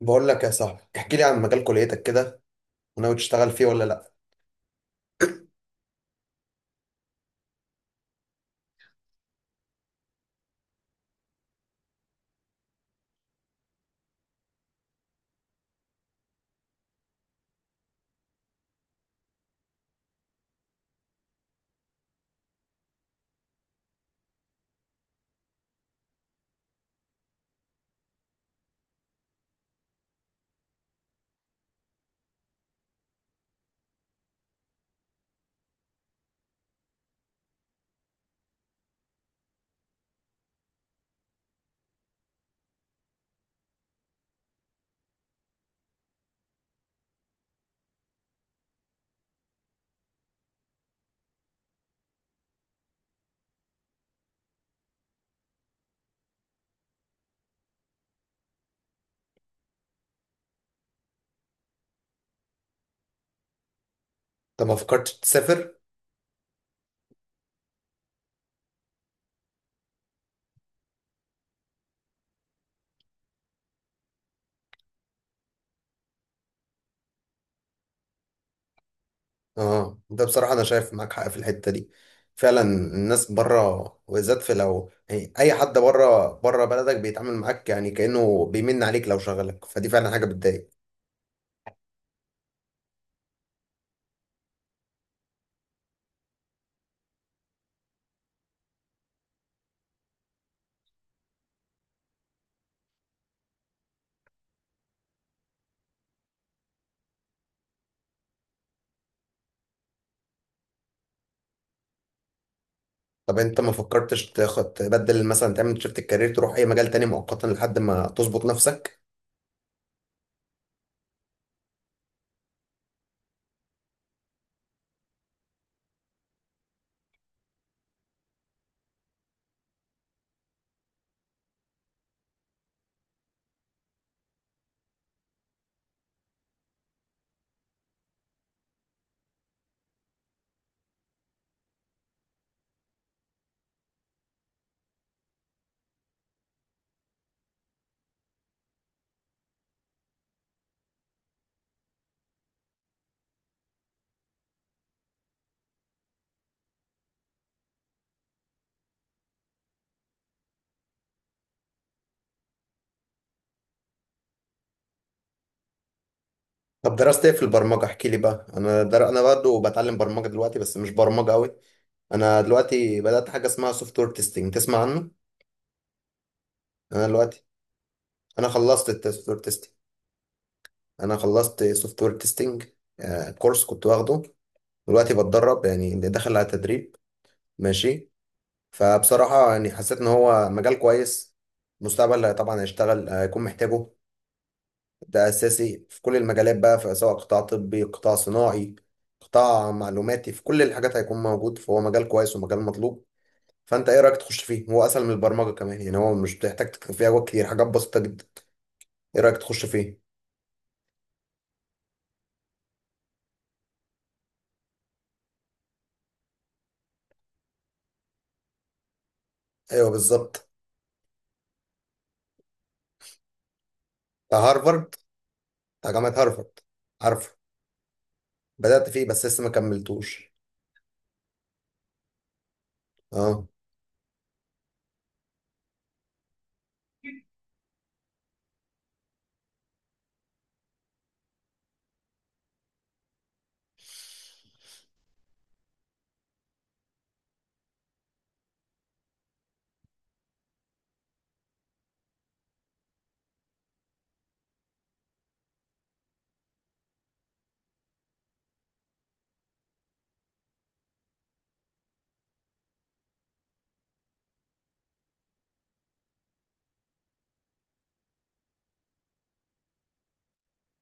بقول لك يا صاحبي، احكي لي عن مجال كليتك كده. وناوي تشتغل فيه ولا لا؟ انت ما فكرتش تسافر؟ اه، ده بصراحه انا شايف معاك حق في الحته دي. فعلا الناس بره، وبالذات في لو يعني اي حد بره بلدك بيتعامل معاك، يعني كانه بيمن عليك لو شغلك، فدي فعلا حاجه بتضايق. طب انت ما فكرتش تاخد تبدل، مثلا تعمل شيفت الكارير تروح اي مجال تاني مؤقتا لحد ما تظبط نفسك؟ طب درست ايه في البرمجة؟ احكي لي بقى. انا برضه بتعلم برمجة دلوقتي، بس مش برمجة قوي. انا دلوقتي بدأت حاجة اسمها سوفت وير تيستنج، تسمع عنه؟ انا دلوقتي انا خلصت السوفت وير تيستنج. انا خلصت سوفت وير تيستنج كورس كنت واخده. دلوقتي بتدرب، يعني داخل على تدريب. ماشي. فبصراحة يعني حسيت ان هو مجال كويس، مستقبل طبعا هيشتغل، هيكون محتاجه. ده اساسي في كل المجالات بقى، في سواء قطاع طبي، قطاع صناعي، قطاع معلوماتي. في كل الحاجات هيكون موجود، فهو مجال كويس ومجال مطلوب. فانت ايه رايك تخش فيه؟ هو اسهل من البرمجه كمان يعني، هو مش بتحتاج تكتب فيه حاجات كتير، حاجات بسيطه جدا. ايه رايك تخش فيه؟ ايوه بالظبط. بتاع هارفارد. بتاع جامعه هارفارد. عارفه. بدات فيه بس لسه ما كملتوش. اه.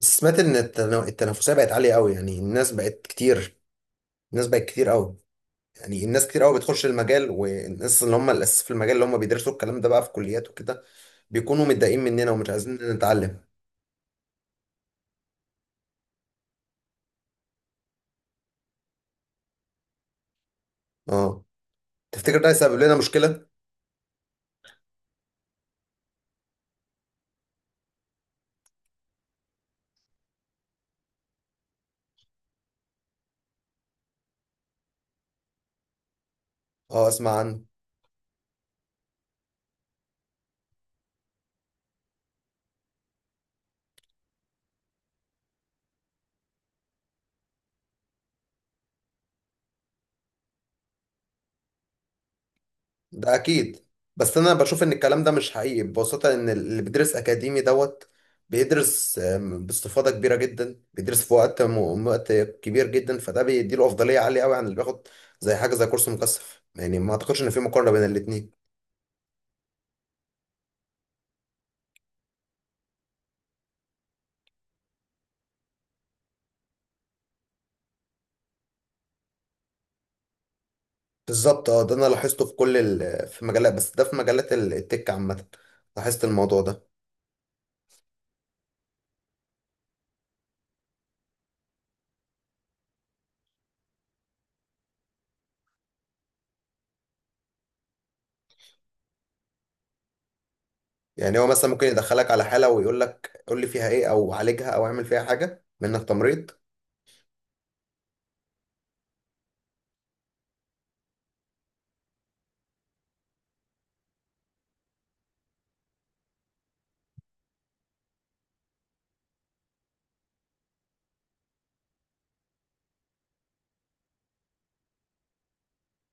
بس سمعت ان التنافسيه بقت عاليه قوي، يعني الناس بقت كتير. الناس بقت كتير قوي. يعني الناس كتير قوي بتخش المجال، والناس اللي هم الاساس في المجال اللي هم بيدرسوا الكلام ده بقى في كليات وكده بيكونوا متضايقين مننا ومش عايزين نتعلم. اه، تفتكر ده هيسبب لنا مشكلة؟ اه، اسمع عنه. ده اكيد. بس انا بشوف ان الكلام ده مش حقيقي ببساطة، ان اللي بيدرس اكاديمي دوت بيدرس باستفاضة كبيرة جدا، بيدرس في وقت كبير جدا، فده بيديله افضلية عالية قوي عن اللي بياخد زي حاجة زي كورس مكثف. يعني ما اعتقدش ان في مقارنة بين الاتنين. بالظبط. اه، ده انا لاحظته في كل في مجالات، بس ده في مجالات التك عامة. لاحظت الموضوع ده. يعني هو مثلا ممكن يدخلك على حالة ويقول لك قول لي فيها ايه، او عالجها، او اعمل فيها حاجة منك تمريض.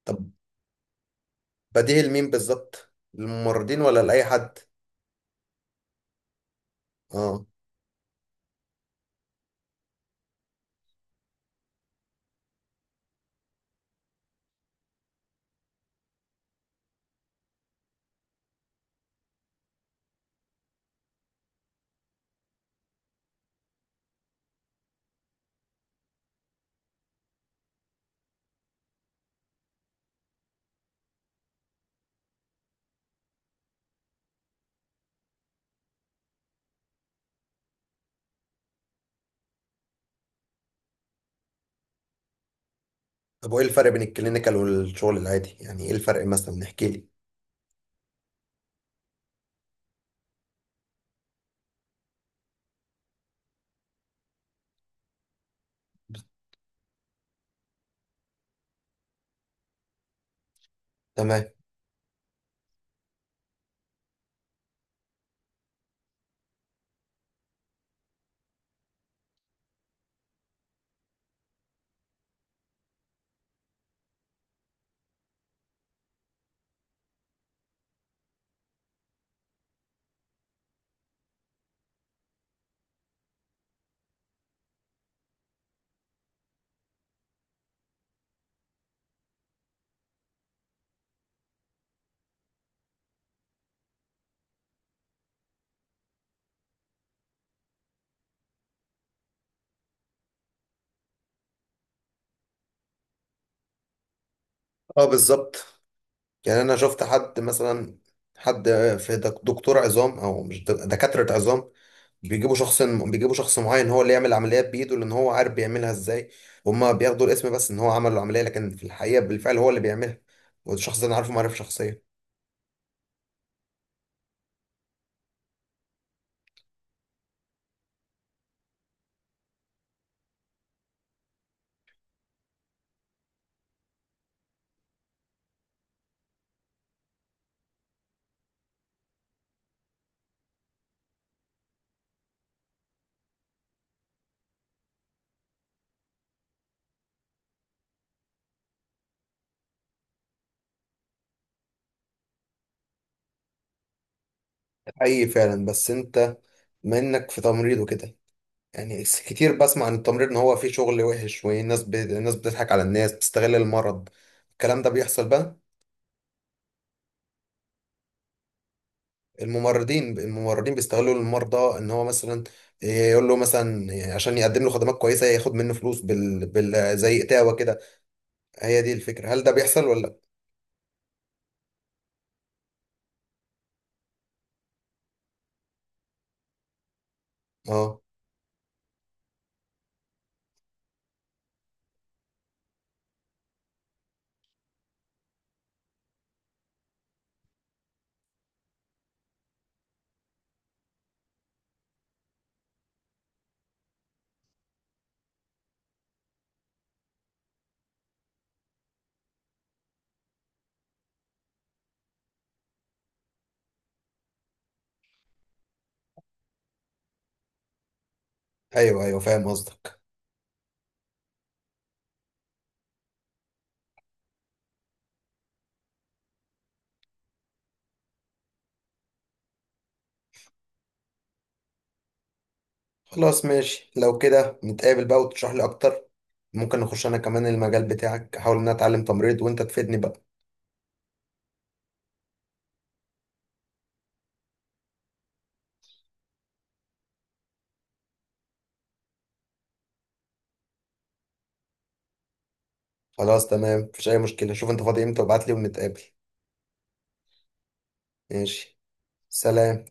طب بديه لمين بالظبط، للممرضين ولا لأي حد؟ اه. طب وايه الفرق بين الكلينيكال والشغل العادي؟ يعني ايه الفرق مثلا، نحكي لي. تمام. اه، بالظبط. يعني انا شفت حد مثلا، حد في دكتور عظام، او مش دكاترة عظام. بيجيبوا شخص معين هو اللي يعمل العمليات بايده، لان هو عارف بيعملها ازاي. هما بياخدوا الاسم بس ان هو عمل العمليه، لكن في الحقيقه بالفعل هو اللي بيعملها. والشخص ده انا عارفه معرفه شخصيه. اي فعلا. بس انت منك في تمريض وكده، يعني كتير بسمع عن التمريض ان هو فيه شغل وحش، والناس الناس بتضحك على الناس، بتستغل المرض. الكلام ده بيحصل بقى؟ الممرضين، بيستغلوا المرضى، ان هو مثلا يقول له مثلا عشان يقدم له خدمات كويسه ياخد منه فلوس زي اتاوه كده. هي دي الفكرة، هل ده بيحصل ولا لأ؟ اه. ايوه ايوه، فاهم قصدك. خلاص ماشي، لو كده نتقابل بقى وتشرح لي اكتر. ممكن نخش انا كمان المجال بتاعك، احاول ان أنا اتعلم تمريض وانت تفيدني بقى. خلاص تمام، مفيش اي مشكلة. شوف انت فاضي امتى وابعت لي ونتقابل. ماشي. سلام.